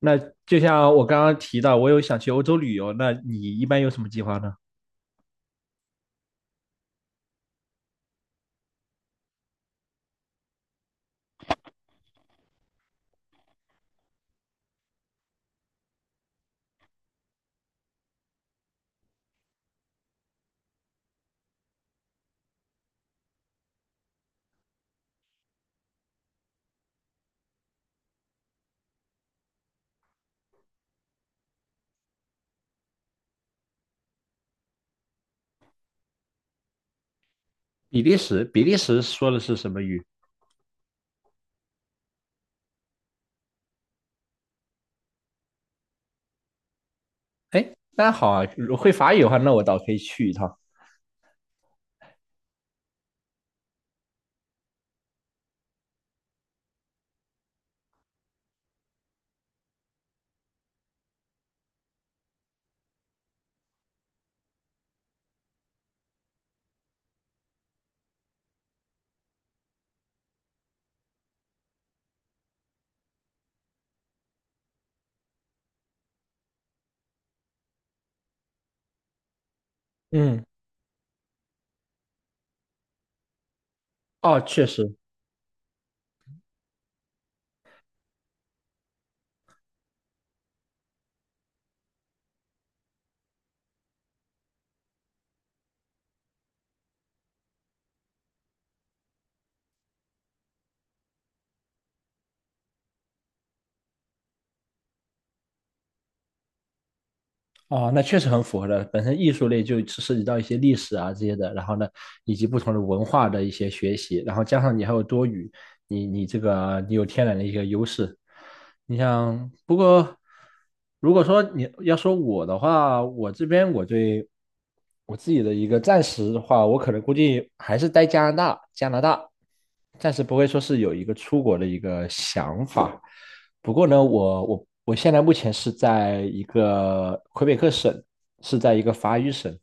那就像我刚刚提到，我有想去欧洲旅游，那你一般有什么计划呢？比利时，比利时说的是什么语？哎，那好啊，会法语的话，那我倒可以去一趟。嗯。哦，确实。哦，那确实很符合的。本身艺术类就涉及到一些历史啊这些的，然后呢，以及不同的文化的一些学习，然后加上你还有多语，你你这个你有天然的一个优势。你像，不过如果说你要说我的话，我这边我对我自己的一个暂时的话，我可能估计还是待加拿大，加拿大，暂时不会说是有一个出国的一个想法。不过呢，我现在目前是在一个魁北克省，是在一个法语省。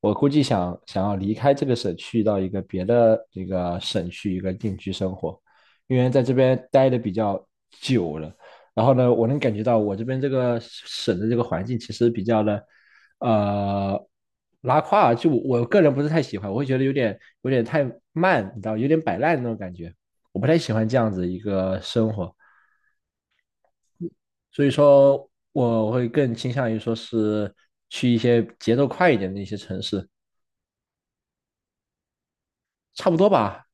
我估计想要离开这个省，去到一个别的这个省去一个定居生活，因为在这边待的比较久了。然后呢，我能感觉到我这边这个省的这个环境其实比较的，呃，拉胯。就我个人不是太喜欢，我会觉得有点太慢，你知道，有点摆烂的那种感觉。我不太喜欢这样子一个生活。所以说我会更倾向于说是去一些节奏快一点的一些城市，差不多吧。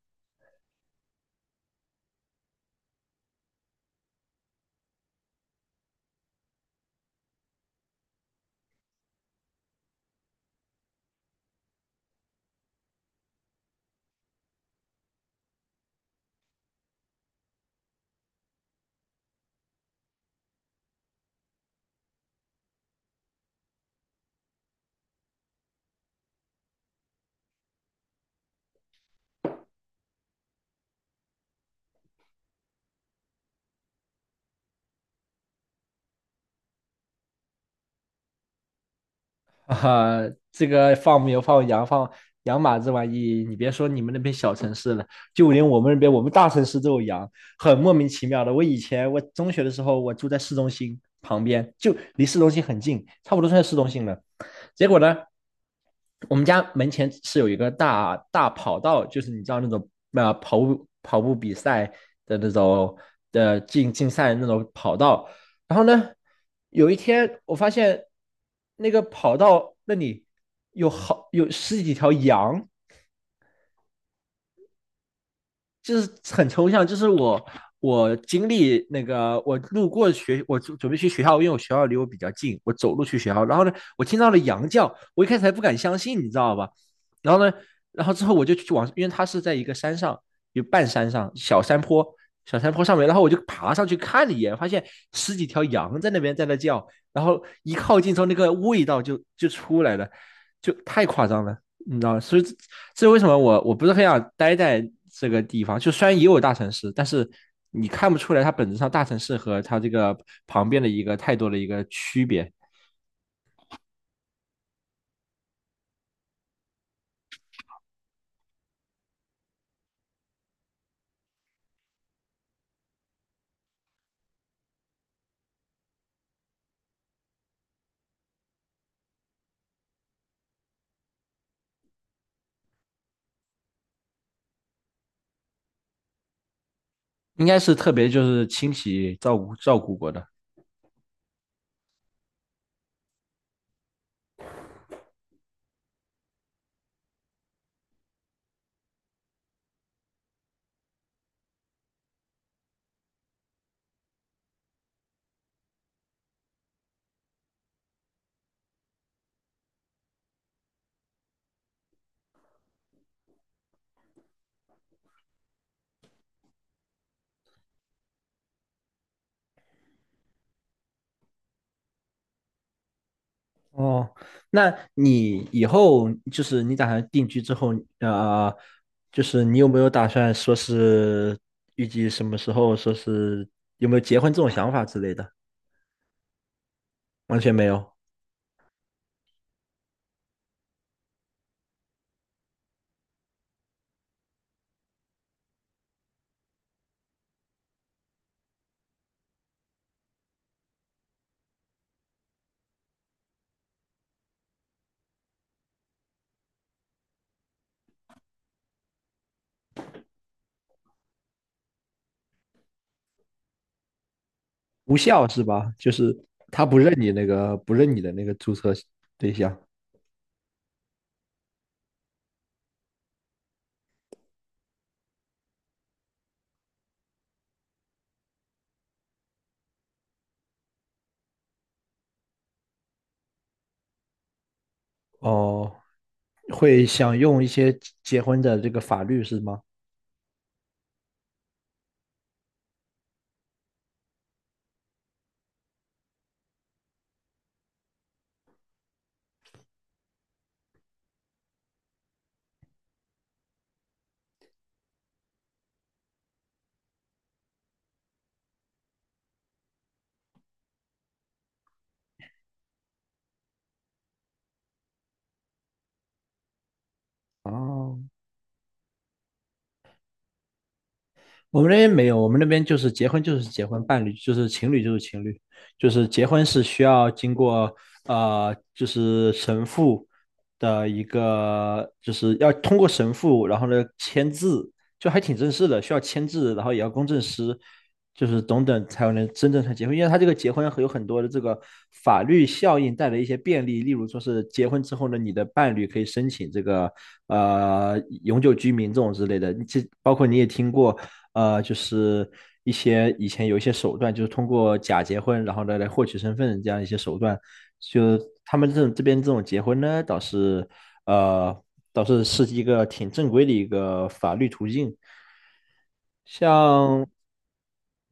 啊，哈，这个放牛、放羊、养马这玩意，你别说你们那边小城市了，就连我们那边我们大城市都有羊，很莫名其妙的。我以前我中学的时候，我住在市中心旁边，就离市中心很近，差不多算市中心了。结果呢，我们家门前是有一个大大跑道，就是你知道那种啊、跑步比赛的那种的竞赛的那种跑道，然后呢，有一天我发现那个跑道那里有十几条羊，就是很抽象，就是我经历那个我路过学，我准备去学校，因为我学校离我比较近，我走路去学校，然后呢，我听到了羊叫，我一开始还不敢相信，你知道吧？然后呢，然后之后我就去往，因为它是在一个山上，有半山上小山坡，小山坡上面，然后我就爬上去看了一眼，发现十几条羊在那边在那叫，然后一靠近之后，那个味道就出来了，就太夸张了。你知道，所以这为什么我不是很想待在这个地方？就虽然也有大城市，但是你看不出来它本质上大城市和它这个旁边的一个太多的一个区别，应该是特别就是清洗照顾过的。哦，那你以后就是你打算定居之后，呃，就是你有没有打算说是预计什么时候，说是有没有结婚这种想法之类的？完全没有。无效是吧？就是他不认你那个不认你的那个注册对象。哦，会想用一些结婚的这个法律是吗？哦，我们那边没有，我们那边就是结婚就是结婚，伴侣就是情侣就是情侣，就是结婚是需要经过就是神父的一个就是要通过神父，然后呢签字，就还挺正式的，需要签字，然后也要公证师，就是等等才能真正才结婚。因为他这个结婚有很多的这个法律效应带来一些便利，例如说是结婚之后呢，你的伴侣可以申请这个永久居民这种之类的。这包括你也听过，就是一些以前有一些手段，就是通过假结婚，然后呢来获取身份这样一些手段。就他们这种这边这种结婚呢，倒是呃是一个挺正规的一个法律途径。像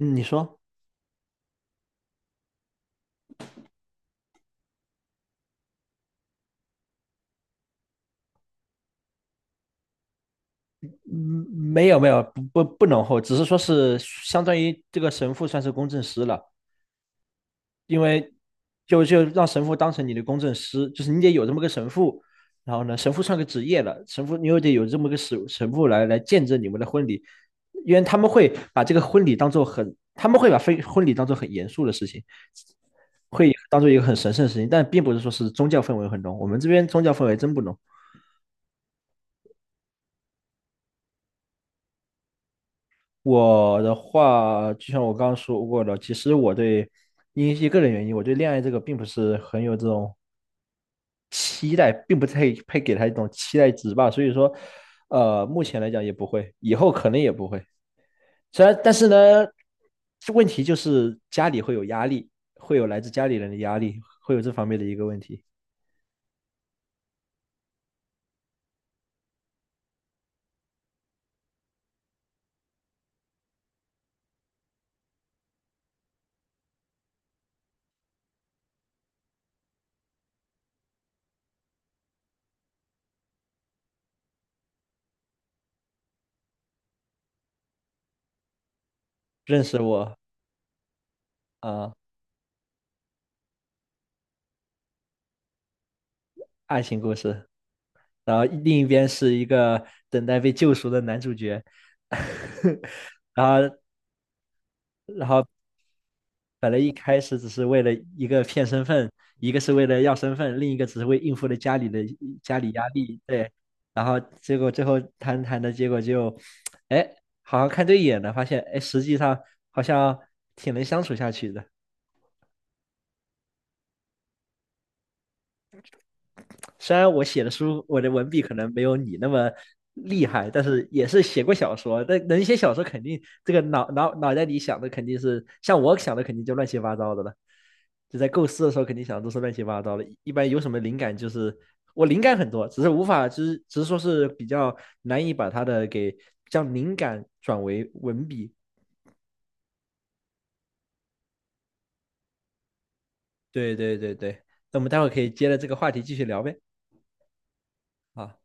嗯你说。嗯，没有没有不浓厚，只是说是相当于这个神父算是公证师了，因为就让神父当成你的公证师，就是你得有这么个神父。然后呢，神父算个职业了，神父你又得有这么个神父来见证你们的婚礼，因为他们会把这个婚礼当做很，他们会把非婚礼当做很严肃的事情，会当做一个很神圣的事情，但并不是说是宗教氛围很浓。我们这边宗教氛围真不浓。我的话，就像我刚刚说过的，其实我对因为一个人原因，我对恋爱这个并不是很有这种期待，并不太配给他一种期待值吧。所以说，目前来讲也不会，以后可能也不会。虽然，但是呢，问题就是家里会有压力，会有来自家里人的压力，会有这方面的一个问题。认识我啊、爱情故事。然后另一边是一个等待被救赎的男主角，然后本来一开始只是为了一个骗身份，一个是为了要身份，另一个只是为应付了家里的家里压力，对，然后结果最后谈谈的结果就，哎，好像看对眼了，发现哎，实际上好像挺能相处下去的。虽然我写的书，我的文笔可能没有你那么厉害，但是也是写过小说。但能写小说，肯定这个脑袋里想的肯定是像我想的，肯定就乱七八糟的了。就在构思的时候，肯定想的都是乱七八糟的。一般有什么灵感，就是我灵感很多，只是无法，只是说是比较难以把它的给将灵感转为文笔。对对对对，那我们待会儿可以接着这个话题继续聊呗。啊。